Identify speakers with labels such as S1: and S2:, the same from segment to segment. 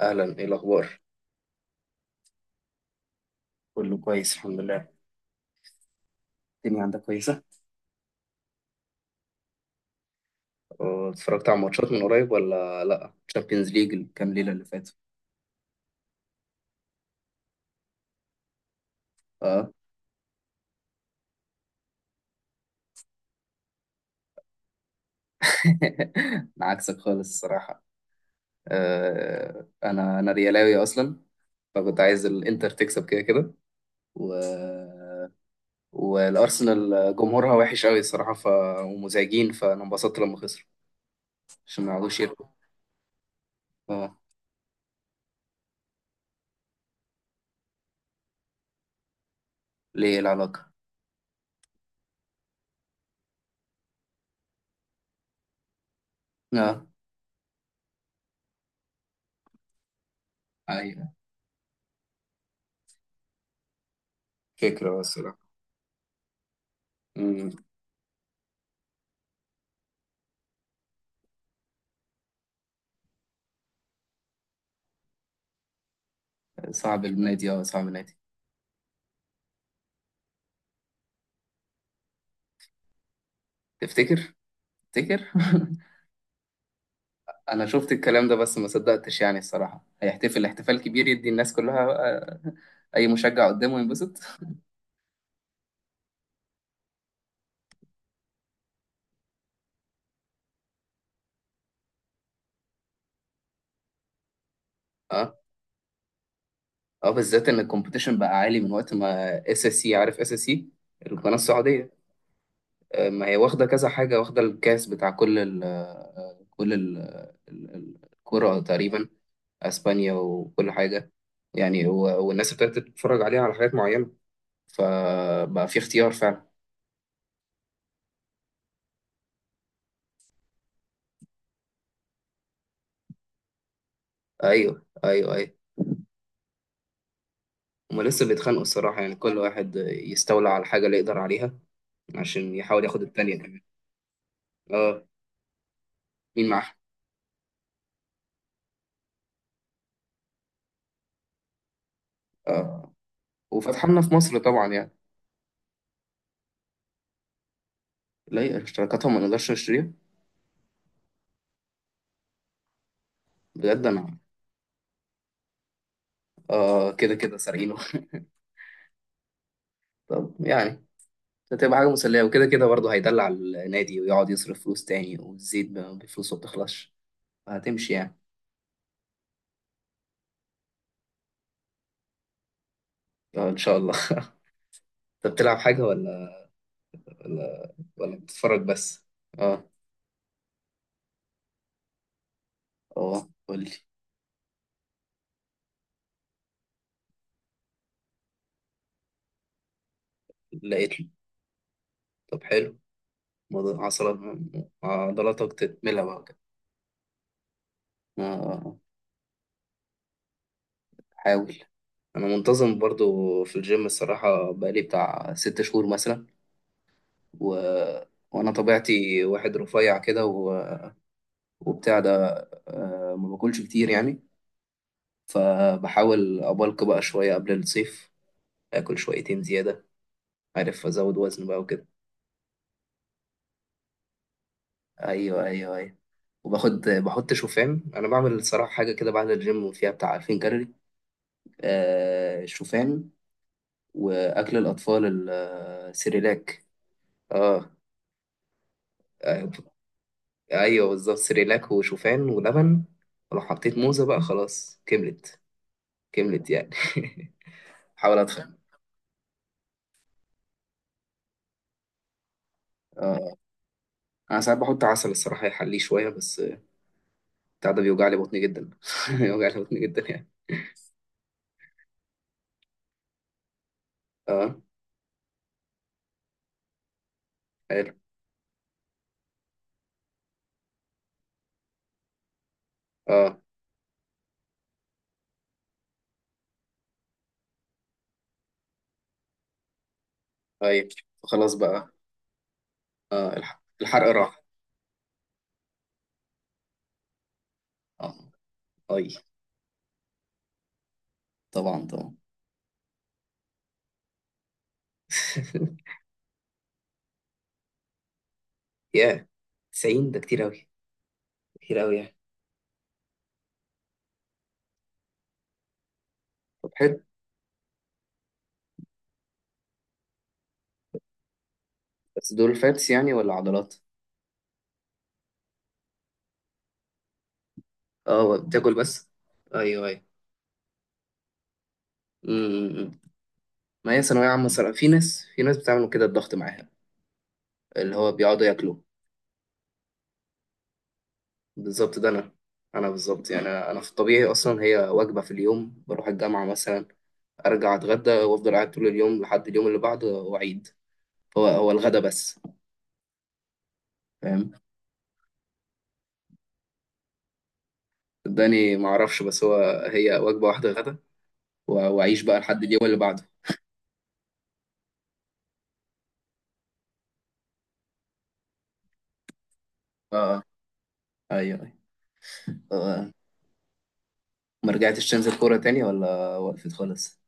S1: اهلا، ايه الاخبار؟ كله كويس، الحمد لله. الدنيا عندك كويسة؟ أه، اتفرجت على ماتشات من قريب ولا لا؟ تشامبيونز ليج الكام ليلة اللي فاتوا. اه. انا عكسك خالص الصراحة. انا ريالاوي اصلا، فكنت عايز الانتر تكسب كده كده و... والارسنال جمهورها وحش قوي الصراحة، ومزعجين، فانا انبسطت لما خسروا عشان ما يعرفوش يركوا. اه، ليه، إيه العلاقة؟ اه، ايوه فكرة بس لا. صعب النادي، اه، صعب النادي. تفتكر؟ تفتكر؟ انا شفت الكلام ده بس ما صدقتش، يعني الصراحه هيحتفل احتفال كبير، يدي الناس كلها، اي مشجع قدامه ينبسط. اه، اه، بالذات ان الكومبيتيشن بقى عالي من وقت ما اس اس سي، عارف اس اس سي؟ القناه السعوديه. ما هي واخده كذا حاجه، واخده الكاس بتاع كل ال، كل ال الكره تقريبا. اسبانيا وكل حاجه، يعني والناس ابتدت تتفرج عليها على حاجات معينه، فبقى في اختيار فعلا. ايوه، ايوه، ايوه. هما لسه بيتخانقوا الصراحة، يعني كل واحد يستولى على الحاجة اللي يقدر عليها عشان يحاول ياخد التانية كمان. اه. مين معاها؟ اه، وفتحنا في مصر طبعا يعني. لا، اشتراكاتهم ما نقدرش نشتريها. بجد انا، اه، كده كده سارقينه. طب يعني هتبقى حاجة مسلية، وكده كده برضه هيدلع النادي ويقعد يصرف فلوس تاني، والزيت بفلوسه ما بتخلصش، هتمشي يعني. اه، ان شاء الله. انت بتلعب حاجة ولا، ولا بتتفرج بس؟ اه. اه، قول لي. لقيت لي. طب حلو. عضلات. عضلاتك تتملى بقى كده. آه، حاول. انا منتظم برضو في الجيم الصراحة، بقالي بتاع ست شهور مثلا و... وانا طبيعتي واحد رفيع كده وبتاع ده، ما باكلش كتير يعني، فبحاول ابلك بقى شوية قبل الصيف، اكل شويتين زيادة، عارف ازود وزن بقى وكده. ايوه، ايوه، ايوه. بحط شوفان. انا بعمل الصراحة حاجة كده بعد الجيم فيها بتاع 2000 كالوري، شوفان، واكل الاطفال السيريلاك. اه. آه، ايوه بالظبط سيريلاك وشوفان ولبن، ولو حطيت موزه بقى خلاص كملت. كملت يعني. حاول اتخن. انا ساعات بحط عسل الصراحه يحليه شويه بس، بتاع ده بيوجع لي بطني جدا، بيوجع لي بطني جدا يعني. اه. حلو. اه، طيب. خلاص بقى. اه، الحرق راح. اه، اي، طبعا، طبعا. يا، 90 ده كتير اوي، كتير اوي يعني. طب حلو. بس دول فاتس يعني ولا عضلات؟ اه، بتاكل بس. ايوه، ايوه. امم ما هي ثانويه عامه صراحه، في ناس بتعملوا كده الضغط معاها، اللي هو بيقعدوا ياكلوا. بالظبط ده انا. بالظبط يعني أنا في الطبيعي اصلا، هي وجبه في اليوم. بروح الجامعه مثلا، ارجع اتغدى وافضل قاعد طول اليوم لحد اليوم اللي بعده واعيد. هو هو الغدا بس، فاهم؟ صدقني ما اعرفش، بس هو هي وجبه واحده غدا واعيش بقى لحد اليوم اللي بعده. اه، ايوه، ايوه. آه. ما رجعتش تنزل كوره تاني ولا وقفت خالص؟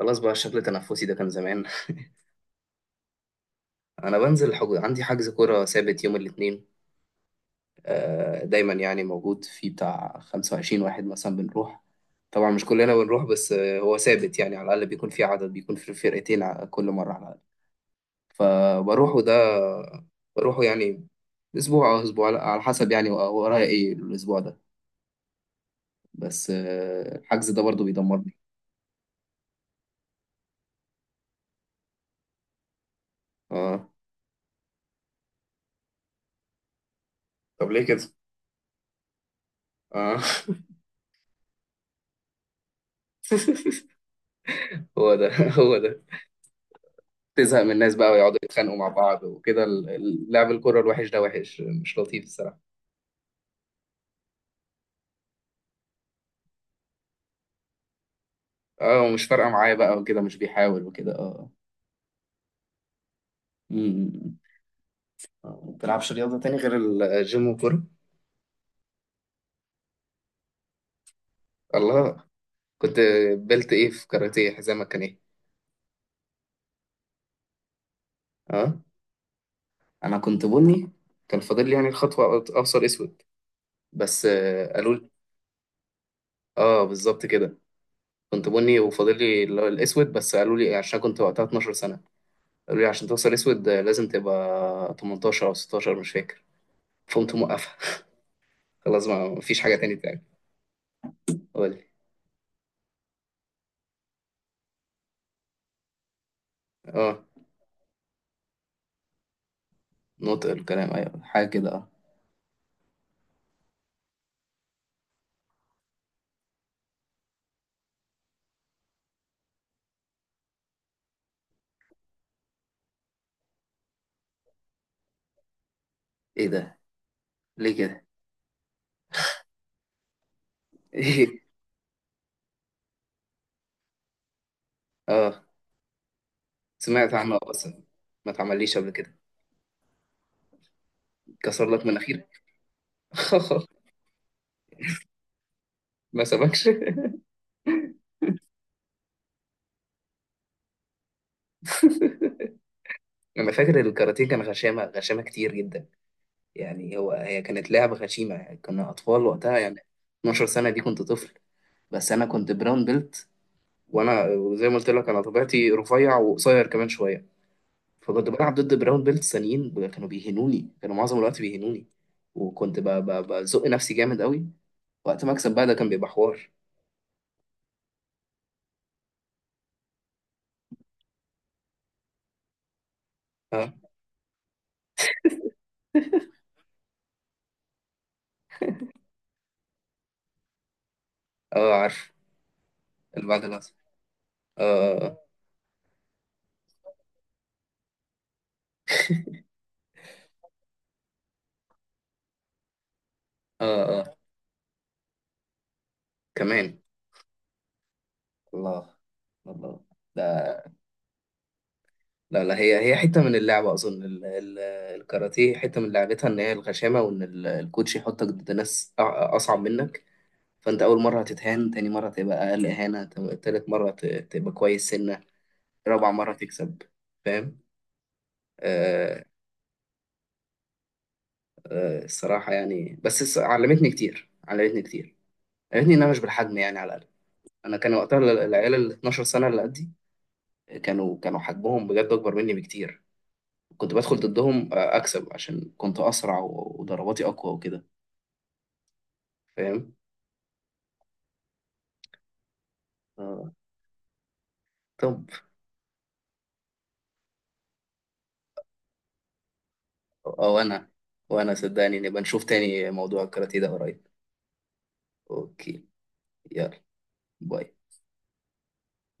S1: خلاص بقى، الشكل التنفسي ده كان زمان. انا بنزل عندي حجز كوره ثابت يوم الاثنين، دايما يعني موجود، في بتاع 25 واحد مثلا بنروح. طبعا مش كلنا بنروح، بس هو ثابت يعني، على الاقل بيكون في عدد، بيكون في فرقتين كل مره على الاقل. فبروحه ده، بروحه يعني، اسبوع او اسبوع لا، على حسب يعني ورايا ايه الاسبوع ده. بس الحجز ده برضو بيدمرني. اه، طب ليه كده؟ اه. هو ده هو ده، تزهق من الناس بقى ويقعدوا يتخانقوا مع بعض وكده، لعب الكرة الوحش ده وحش، مش لطيف الصراحة. اه، ومش فارقة معايا بقى وكده، مش بيحاول وكده، اه. أمم. ما بتلعبش رياضة تاني غير الجيم والكورة؟ الله، كنت بلت ايه في كاراتيه؟ حزامك كان ايه؟ اه، انا كنت بني. كان فاضل لي يعني الخطوة، ابصر اسود، بس قالوا لي. اه، بالظبط كده. كنت بني وفاضل لي اللي هو الاسود، بس قالوا لي عشان كنت وقتها 12 سنة، قالوا لي عشان توصل اسود لازم تبقى 18 او 16، مش فاكر، فقمت موقفها. خلاص ما فيش حاجة تاني تاني. قولي. اه، نطق الكلام، ايوه، حاجة كده، اه. ايه ده؟ ليه كده؟ ايه. اه، سمعت عنه بس. ما اتعمليش قبل كده؟ كسر لك مناخيرك؟ ما سبكش. انا فاكر الكاراتيه كان غشامة، غشامة كتير جدا، يعني هو، هي كانت لعبة غشيمة، يعني كنا اطفال وقتها يعني، 12 سنة دي كنت طفل. بس انا كنت براون بيلت، وانا زي ما قلت لك انا طبيعتي رفيع وقصير كمان شوية، فكنت بلعب ضد براون بيلت تانيين، كانوا بيهنوني، كانوا معظم الوقت بيهنوني، وكنت بزق نفسي جامد قوي وقت ما اكسب بقى. ده كان بيبقى حوار. اه، اه، عارف، اللي بعد العصر. اه، اه، اه، اه، كمان. الله. الله. لا. لا، لا، هي، هي حتة من اللعبة أظن الكاراتيه حتة من لعبتها، إن هي الغشامة، وإن الكوتش يحطك ضد ناس أصعب منك. فأنت أول مرة هتتهان، تاني مرة تبقى أقل إهانة، تالت مرة تبقى كويس سنة، رابع مرة تكسب، فاهم؟ آه، الصراحة يعني، بس علمتني كتير، علمتني كتير، علمتني إن أنا مش بالحجم يعني على الأقل. أنا كان وقتها العيال ال 12 سنة اللي قدي كانوا حجمهم بجد أكبر مني بكتير. كنت بدخل ضدهم أكسب عشان كنت أسرع وضرباتي أقوى وكده، فاهم؟ آه، طب، آه، وأنا وأنا صدقني نبقى نشوف تاني موضوع الكاراتيه ده قريب. أوكي. يلا، باي.